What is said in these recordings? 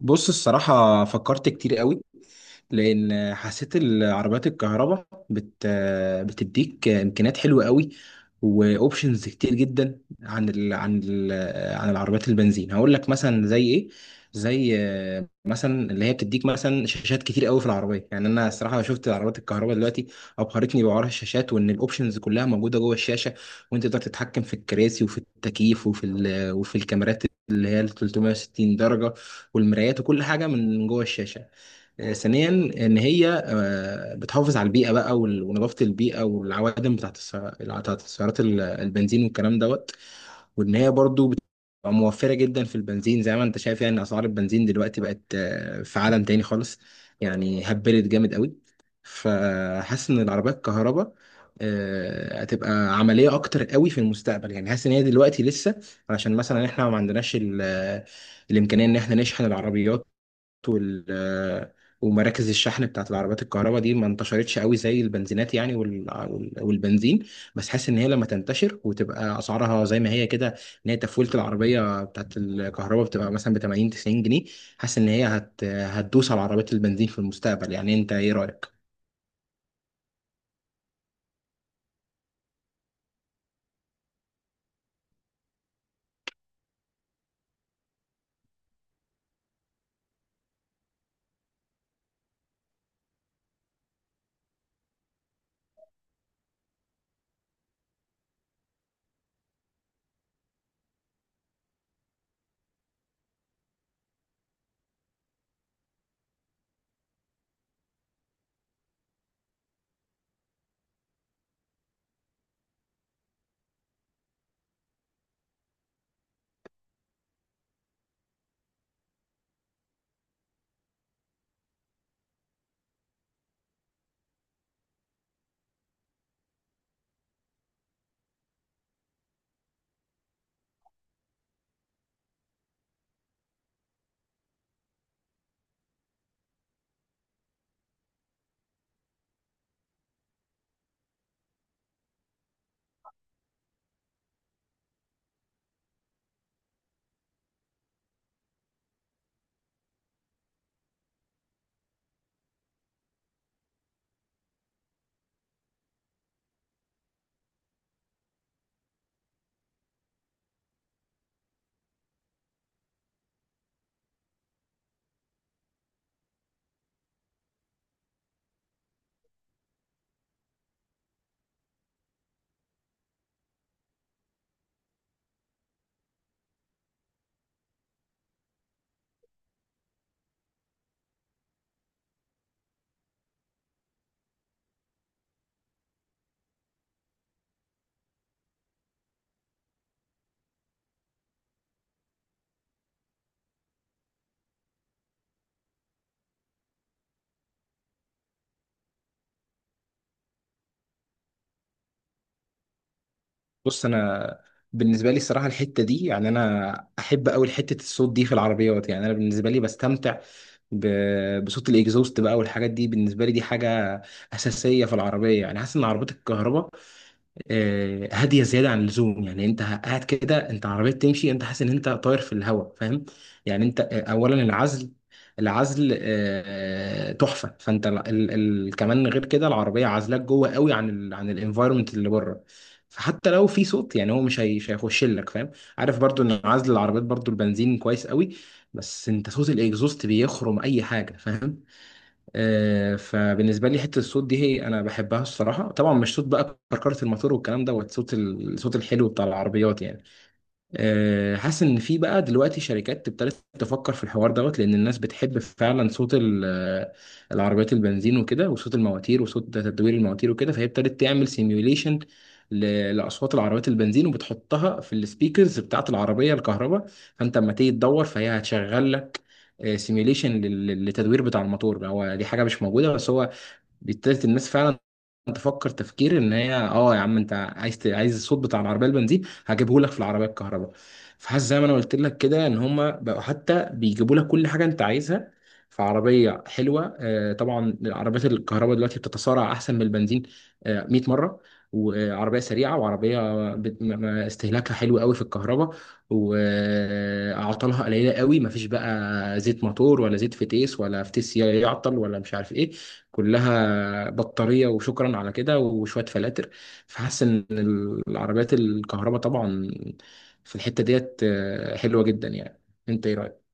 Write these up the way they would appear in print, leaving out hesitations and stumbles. بص الصراحة فكرت كتير قوي. لان حسيت العربيات الكهرباء بتديك امكانيات حلوه قوي، واوبشنز كتير جدا عن العربيات البنزين. هقول لك مثلا زي ايه؟ زي مثلا اللي هي بتديك مثلا شاشات كتير قوي في العربيه. يعني انا الصراحه شفت العربيات الكهرباء دلوقتي ابهرتني بحوار الشاشات، وان الاوبشنز كلها موجوده جوه الشاشه، وانت تقدر تتحكم في الكراسي وفي التكييف وفي وفي الكاميرات اللي هي ال 360 درجه، والمرايات وكل حاجه من جوه الشاشه. ثانيا ان هي بتحافظ على البيئه بقى، ونظافه البيئه والعوادم بتاعت سيارات البنزين والكلام دوت. وان هي برضو بتبقى موفره جدا في البنزين، زي ما انت شايف يعني اسعار البنزين دلوقتي بقت في عالم تاني خالص، يعني هبلت جامد قوي. فحاسس ان العربيات الكهرباء هتبقى عمليه اكتر قوي في المستقبل. يعني حاسس ان هي دلوقتي لسه، علشان مثلا احنا ما عندناش الامكانيه ان احنا نشحن العربيات، وال ومراكز الشحن بتاعت العربيات الكهرباء دي ما انتشرتش قوي زي البنزينات، يعني والبنزين. بس حاسس ان هي لما تنتشر وتبقى اسعارها زي ما هي كده، ان هي تفولة العربيه بتاعت الكهرباء بتبقى مثلا ب 80 90 جنيه، حاسس ان هي هتدوس على عربيات البنزين في المستقبل. يعني انت ايه رايك؟ بص انا بالنسبه لي الصراحه الحته دي، يعني انا احب قوي حته الصوت دي في العربيات. يعني انا بالنسبه لي بستمتع بصوت الاكزوست بقى والحاجات دي، بالنسبه لي دي حاجه اساسيه في العربيه. يعني حاسس ان عربيات الكهرباء هاديه زياده عن اللزوم، يعني انت قاعد كده انت عربيه تمشي انت حاسس ان انت طاير في الهواء، فاهم؟ يعني انت اولا العزل، العزل تحفه. فانت ال ال ال كمان غير كده العربيه عازلاك جوه قوي عن ال عن الانفايرمنت اللي بره، فحتى لو في صوت يعني هو مش هيخش لك، فاهم؟ عارف برضو ان عزل العربيات برضو البنزين كويس قوي، بس انت صوت الاكزوست بيخرم اي حاجه، فاهم؟ فبالنسبه لي حته الصوت دي هي انا بحبها الصراحه. طبعا مش صوت بقى كركره الموتور والكلام دوت، صوت الصوت الحلو بتاع العربيات يعني. حاسس ان في بقى دلوقتي شركات ابتدت تفكر في الحوار دوت، لان الناس بتحب فعلا صوت العربيات البنزين وكده، وصوت المواتير وصوت تدوير المواتير وكده. فهي ابتدت تعمل سيميوليشن لاصوات العربيات البنزين وبتحطها في السبيكرز بتاعه العربيه الكهرباء، فانت اما تيجي تدور فهي هتشغل لك سيميوليشن للتدوير بتاع الموتور. هو دي حاجه مش موجوده، بس هو ابتدت الناس فعلا تفكر ان هي اه يا عم انت عايز الصوت بتاع العربيه البنزين، هجيبه لك في العربيه الكهرباء. فحاسس زي ما انا قلت لك كده ان هما بقوا حتى بيجيبوا لك كل حاجه انت عايزها في عربيه حلوه. طبعا العربيات الكهرباء دلوقتي بتتسارع احسن من البنزين 100 مره، وعربيه سريعه وعربيه استهلاكها حلو قوي في الكهرباء، واعطالها قليله قوي، مفيش بقى زيت موتور ولا زيت فتيس ولا فتيس يعطل ولا مش عارف ايه. كلها بطارية وشكرا على كده وشوية فلاتر. فحاسس ان العربيات الكهرباء طبعا في الحتة ديت حلوة جدا يعني. انت ايه رأيك؟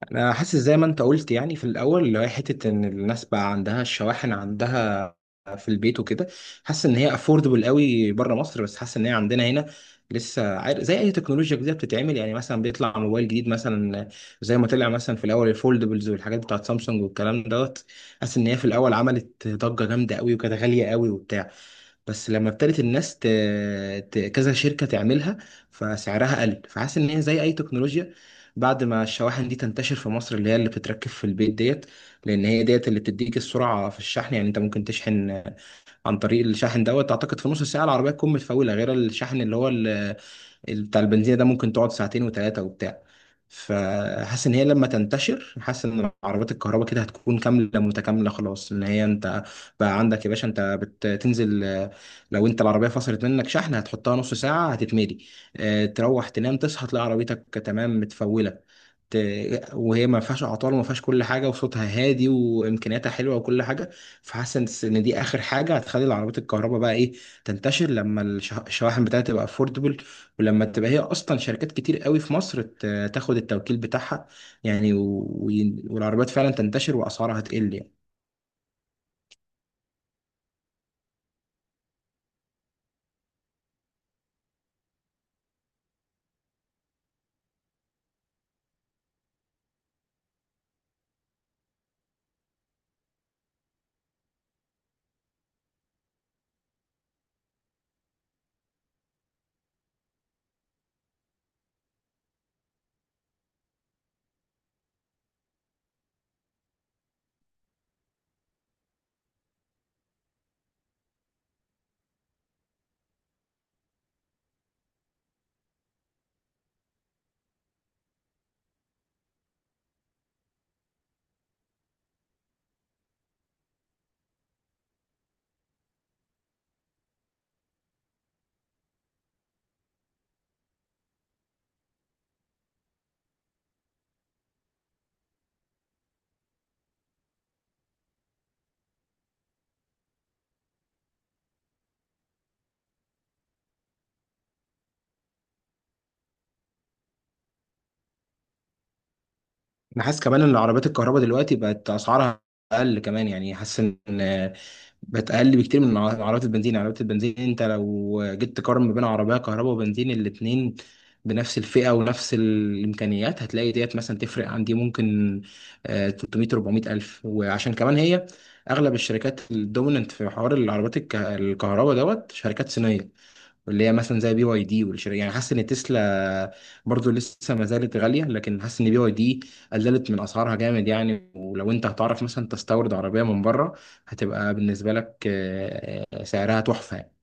انا حاسس زي ما انت قلت، يعني في الاول اللي هي حته ان الناس بقى عندها الشواحن عندها في البيت وكده. حاسس ان هي افوردبل قوي بره مصر، بس حاسس ان هي عندنا هنا لسه، عارف زي اي تكنولوجيا جديده بتتعمل. يعني مثلا بيطلع موبايل جديد مثلا، زي ما طلع مثلا في الاول الفولدبلز والحاجات بتاعت سامسونج والكلام دوت، حاسس ان هي في الاول عملت ضجه جامده قوي وكانت غاليه قوي وبتاع، بس لما ابتدت كذا شركة تعملها، فسعرها قل. فحاسس ان هي زي اي تكنولوجيا، بعد ما الشواحن دي تنتشر في مصر اللي هي اللي بتتركب في البيت ديت، لان هي ديت اللي بتديك السرعة في الشحن. يعني انت ممكن تشحن عن طريق الشاحن دوت اعتقد في نص ساعة العربية تكون متفولة، غير الشحن اللي هو بتاع البنزينة ده ممكن تقعد ساعتين وتلاتة وبتاع. فحاسس ان هي لما تنتشر، حاسس ان عربيات الكهرباء كده هتكون كامله متكامله خلاص. ان هي انت بقى عندك يا باشا انت بتنزل لو انت العربيه فصلت منك شحن، هتحطها نص ساعه هتتملي. تروح تنام تصحى تلاقي عربيتك تمام متفوله. ت... وهي ما فيهاش اعطال وما فيهاش كل حاجه، وصوتها هادي وامكانياتها حلوه وكل حاجه. فحاسس ان إن دي اخر حاجه هتخلي العربيات الكهرباء بقى ايه، تنتشر. لما الشواحن بتاعتها تبقى افوردبل، ولما تبقى هي اصلا شركات كتير قوي في مصر تاخد التوكيل بتاعها، يعني و- والعربيات فعلا تنتشر واسعارها تقل يعني. انا حاسس كمان ان عربيات الكهرباء دلوقتي بقت اسعارها اقل كمان. يعني حاسس ان بقت اقل بكتير من عربيات البنزين. يعني عربيات البنزين انت لو جيت تقارن ما بين عربيه كهرباء وبنزين الاتنين بنفس الفئه ونفس الامكانيات، هتلاقي ديت مثلا تفرق عندي ممكن 300 400 الف. وعشان كمان هي اغلب الشركات الدوميننت في حوار العربيات الكهرباء دوت شركات صينيه، واللي هي مثلا زي بي واي دي والشركة. يعني حاسس ان تسلا برضو لسه ما زالت غالية، لكن حاسس ان بي واي دي قللت من اسعارها جامد يعني. ولو انت هتعرف مثلا تستورد عربية من بره، هتبقى بالنسبة لك سعرها تحفة يعني.